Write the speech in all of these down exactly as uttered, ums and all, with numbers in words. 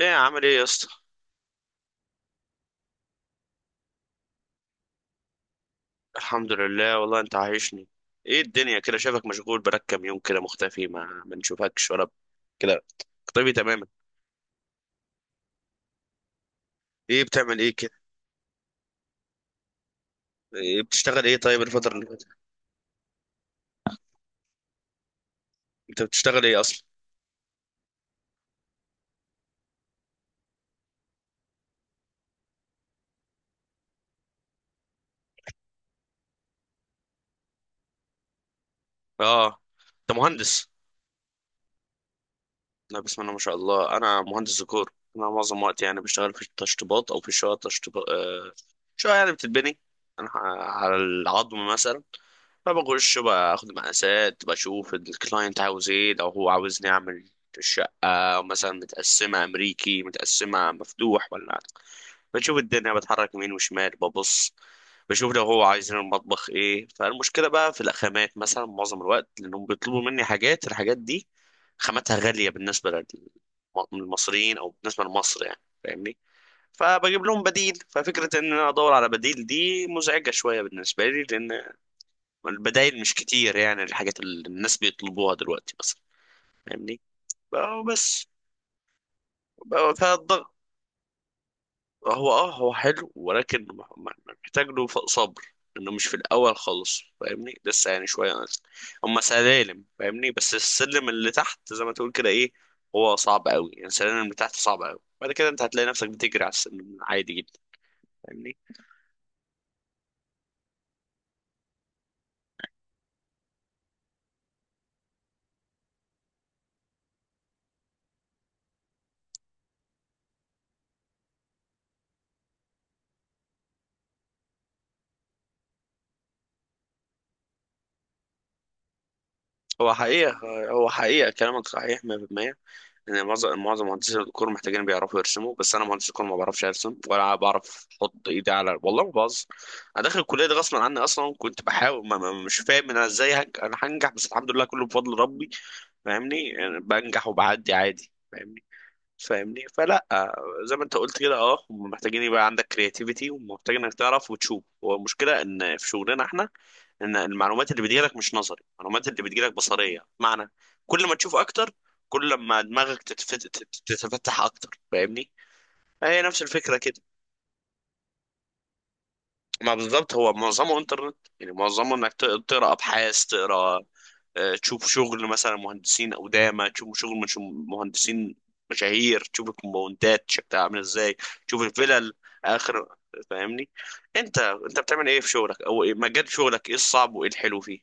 ايه عامل ايه يا اسطى؟ الحمد لله والله انت عايشني. ايه الدنيا كده؟ شايفك مشغول بقالك كام يوم كده مختفي، ما ما نشوفكش ولا ب- كده. طبي تماما. ايه بتعمل ايه كده؟ ايه بتشتغل ايه طيب الفترة اللي فاتت؟ انت بتشتغل ايه اصلا؟ اه. انت مهندس؟ لا بسم الله ما شاء الله، انا مهندس ديكور. انا معظم وقتي يعني بشتغل في التشطيبات او في شقق تشطيبات آه شقق يعني بتتبني، انا ح- على العظم مثلا. فبخش باخد مقاسات، بشوف الكلاينت عاوز ايه. لو هو عاوزني اعمل الشقة مثلا متقسمة أمريكي متقسمة مفتوح ولا، بشوف الدنيا بتحرك يمين وشمال ببص، بشوف لو هو عايزين المطبخ ايه. فالمشكلة بقى في الخامات مثلا معظم الوقت، لأنهم بيطلبوا مني حاجات. الحاجات دي خاماتها غالية بالنسبة للم- للمصريين أو بالنسبة لمصر يعني، فاهمني؟ فبجيب لهم بديل. ففكرة إن أنا أدور على بديل دي مزعجة شوية بالنسبة لي، لأن البدايل مش كتير، يعني الحاجات اللي الناس بيطلبوها دلوقتي مثلا. فاهمني؟ بقى- بس بقى فالضغط. هو اه هو حلو، ولكن مح- مح- محتاج له ف- صبر. انه مش في الاول خالص فاهمني، لسه يعني شويه. هم سلالم فاهمني. بس السلم اللي تحت زي ما تقول كده ايه، هو صعب قوي. يعني السلالم اللي تحت صعب قوي، بعد كده انت هتلاقي نفسك بتجري على السلم عادي جدا. فاهمني؟ هو حقيقه، هو حقيقه كلامك صحيح مية في المية. يعني معظم معظم مهندسين الديكور محتاجين بيعرفوا يرسموا، بس انا مهندس ديكور ما بعرفش ارسم ولا بعرف احط ايدي على، والله ما بهزر. انا داخل الكليه دي غصب عني اصلا، كنت بحاول، ما ما مش فاهم انا ازاي هنج... انا هنجح. بس الحمد لله كله بفضل ربي، فاهمني؟ يعني بنجح وبعدي عادي، فاهمني؟ فاهمني؟ فلا، زي ما انت قلت كده اه، هم محتاجين يبقى عندك كرياتيفيتي، ومحتاجين انك تعرف وتشوف. والمشكله ان في شغلنا احنا ان المعلومات اللي بتجيلك مش نظري، المعلومات اللي بتجيلك بصريه، معنى كل ما تشوف اكتر، كل ما دماغك تتفت... تت- تتفتح اكتر. فاهمني؟ هي نفس الفكره كده. ما بالظبط هو معظمه انترنت، يعني معظمه انك ت- تقرا ابحاث، تقرا، آه، تشوف شغل مثلا مهندسين قدامى، تشوف شغل مش مهندسين مشاهير، تشوف الكومباوندات شكلها عامل ازاي، تشوف الفلل اخر. فاهمني؟ انت انت بتعمل ايه في شغلك، او إيه- مجال شغلك ايه؟ الصعب وايه الحلو فيه؟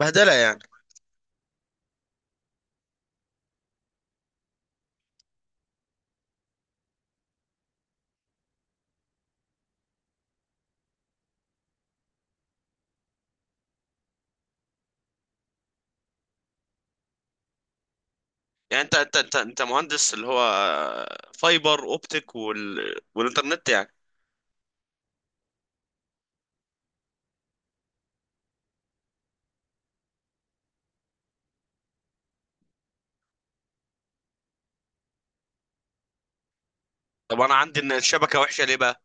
بهدله يعني. يعني انت انت انت, انت مهندس اللي هو فايبر اوبتيك وال... والانترنت يعني؟ طب انا عندي ان الشبكه وحشه ليه بقى؟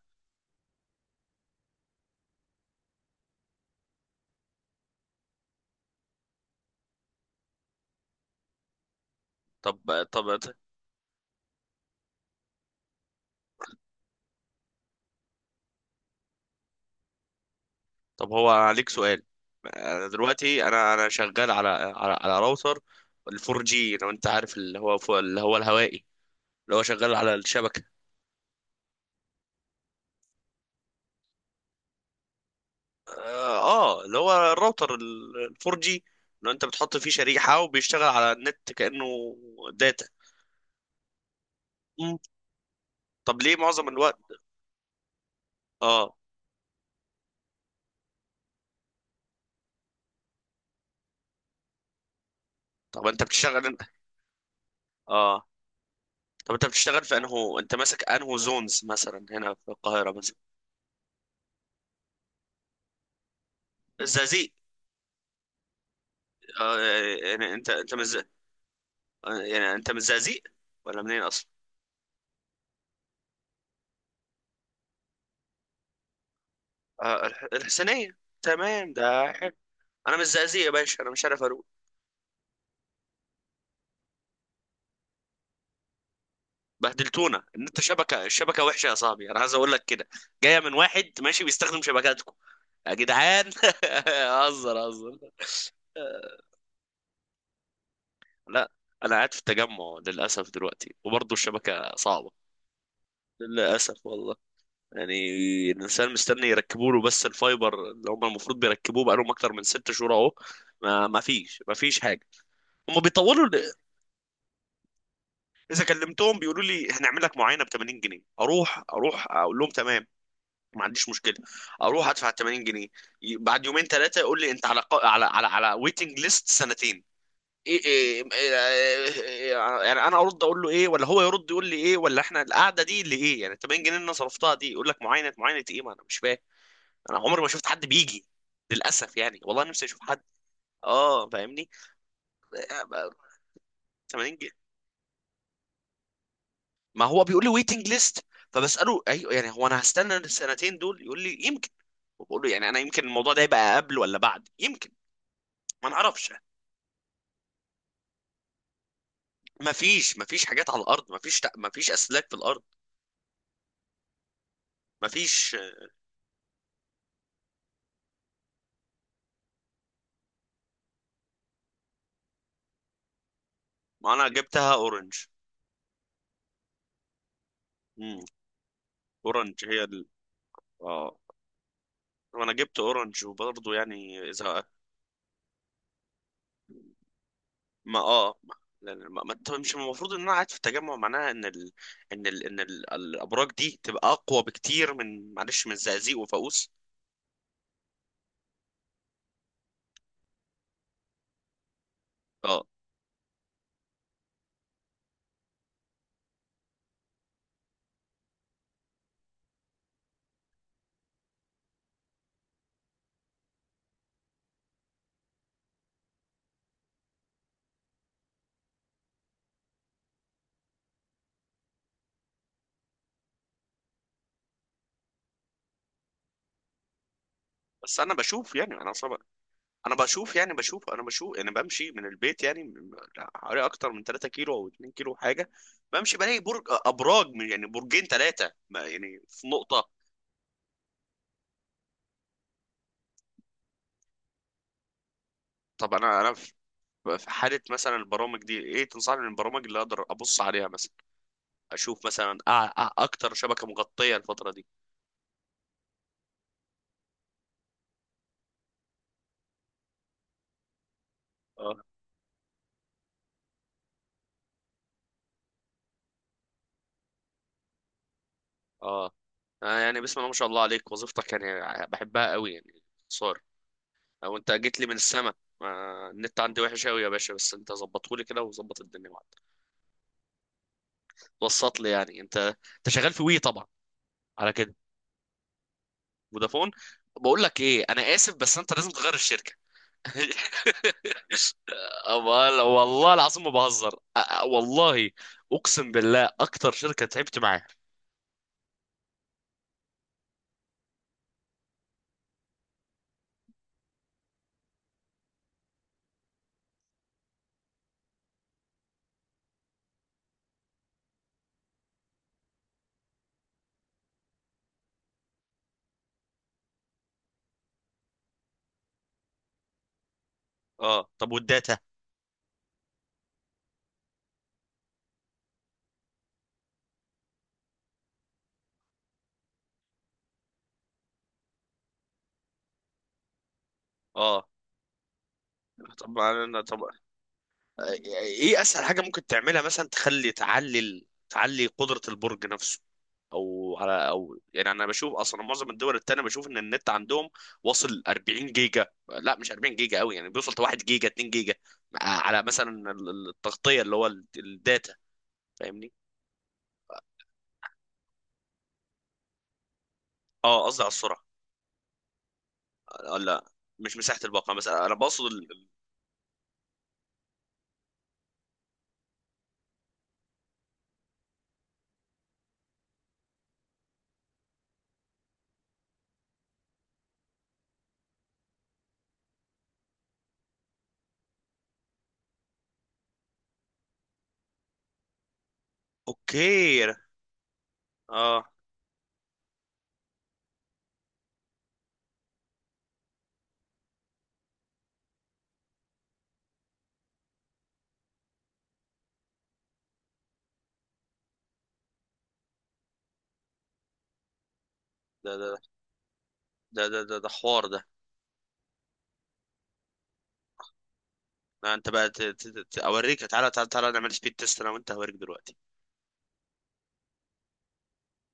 طب طب، طب هو عليك سؤال. أنا دلوقتي انا انا شغال على على, على راوتر ال4 جي لو انت عارف، اللي هو فوق، اللي هو الهوائي، اللي هو شغال على الشبكه. اه. آه، اللي هو الراوتر ال4 جي، لو انت بتحط فيه شريحه وبيشتغل على النت كانه داتا. مم. طب ليه معظم الوقت؟ اه. طب انت بتشتغل انت؟ اه. طب انت بتشتغل في انه انت ماسك انه زونز مثلا هنا في القاهرة مثلا؟ الزقازيق؟ آه. يعني انت انت مز... آه، يعني انت من الزقازيق ولا منين اصلا؟ آه الح- الحسينية، تمام ده حلو. انا من الزقازيق يا باشا، انا مش عارف اروح. بهدلتونا، ان انت شبكة الشبكة وحشة يا صاحبي، انا عايز اقول لك كده، جاية من واحد ماشي بيستخدم شبكاتكم يا جدعان. هزر هزر. لا. انا قاعد في التجمع للاسف دلوقتي وبرضه الشبكة صعبة. للاسف والله. يعني الانسان مستني يركبوا له، بس الفايبر اللي هم المفروض بيركبوه بقالهم اكتر من ست شهور اهو. ما ما فيش ما فيش حاجه، هم بيطولوا ل- اذا كلمتهم بيقولوا لي هنعمل لك معاينه ب تمانين جنيه، اروح اروح اقول لهم تمام، ما عنديش مشكله، اروح ادفع ثمانين جنيه. ي- بعد يومين ثلاثه يقول لي انت على قا- على على على ويتنج ليست سنتين. إيه إيه إيه إيه؟ يعني انا ارد اقول له ايه، ولا هو يرد يقول لي ايه، ولا احنا القعده دي اللي ايه، يعني تمانين جنيه اللي انا صرفتها دي يقول لك معاينه معاينه ايه، ما انا مش فاهم. انا عمري ما شفت حد بيجي، للاسف يعني والله نفسي اشوف حد. اه فاهمني. آه، بقى تمانين جنيه، ما هو بيقول لي ويتنج ليست. فبساله ايوه يعني هو انا هستنى السنتين دول يقول لي يمكن، وبقول له يعني انا يمكن الموضوع ده يبقى قبل ولا بعد يمكن ما نعرفش. ما فيش ما فيش حاجات على الارض، ما فيش ما فيش اسلاك في الارض، ما فيش. ما انا جبتها اورنج. امم. اورنج هي ال... اه. وانا جبت اورنج وبرضه يعني اذا، ما اه ما، لأن- ما- ما- طب مش المفروض ان انا قاعد في التجمع معناها ان ال... ان ال... ان ال... الابراج دي تبقى اقوى بكتير من معلش من الزقازيق وفاقوس؟ اه، بس انا بشوف يعني انا صبر، انا بشوف يعني بشوف انا بشوف انا بمشي من البيت يعني م- م- حوالي اكتر من ثلاثة كيلو او اثنين كيلو حاجه، بمشي بلاقي برج ابراج من- يعني برجين ثلاثه يعني في نقطه. طب انا انا في، في حاله مثلا البرامج دي ايه تنصحني من البرامج اللي اقدر ابص عليها مثلا اشوف مثلا أع- أع- اكتر شبكه مغطيه الفتره دي؟ اه اه. آه، يعني بسم الله ما شاء الله عليك، وظيفتك يعني بحبها قوي يعني. صار، لو انت جيت لي من السما. ما النت عندي وحش قوي يا باشا، بس انت ظبطه لي كده وظبط الدنيا معاك. وسط لي يعني. انت انت شغال في وي طبعا على كده؟ فودافون؟ بقول لك ايه، انا اسف بس انت لازم تغير الشركه. أبقى- والله العظيم ما بهزر، أ- أ- والله اقسم بالله اكتر شركه تعبت معاها. اه طب والداتا. اه طب ما- طب ايه اسهل حاجه ممكن تعملها؟ مثلا تخلي تعلي ال- تعلي قدره البرج نفسه، او على او يعني انا بشوف اصلا معظم الدول التانية بشوف ان النت عندهم واصل اربعين جيجا، لا مش أربعين جيجا قوي يعني، بيوصل ل واحد جيجا اتنين جيجا، على مثلا ال- ال- التغطيه اللي هو ال- الداتا. فاهمني؟ اه قصدي على السرعه. آه، لا مش مساحه الباقه، مثلا انا بقصد ال... ال- اوكي. اه ده ده ده ده ده, ده حوار ده. لا انت بقى ت- ت- ت- اوريك تعالى تعالى تعالى، نعمل سبيد تيست انا وانت هوريك دلوقتي.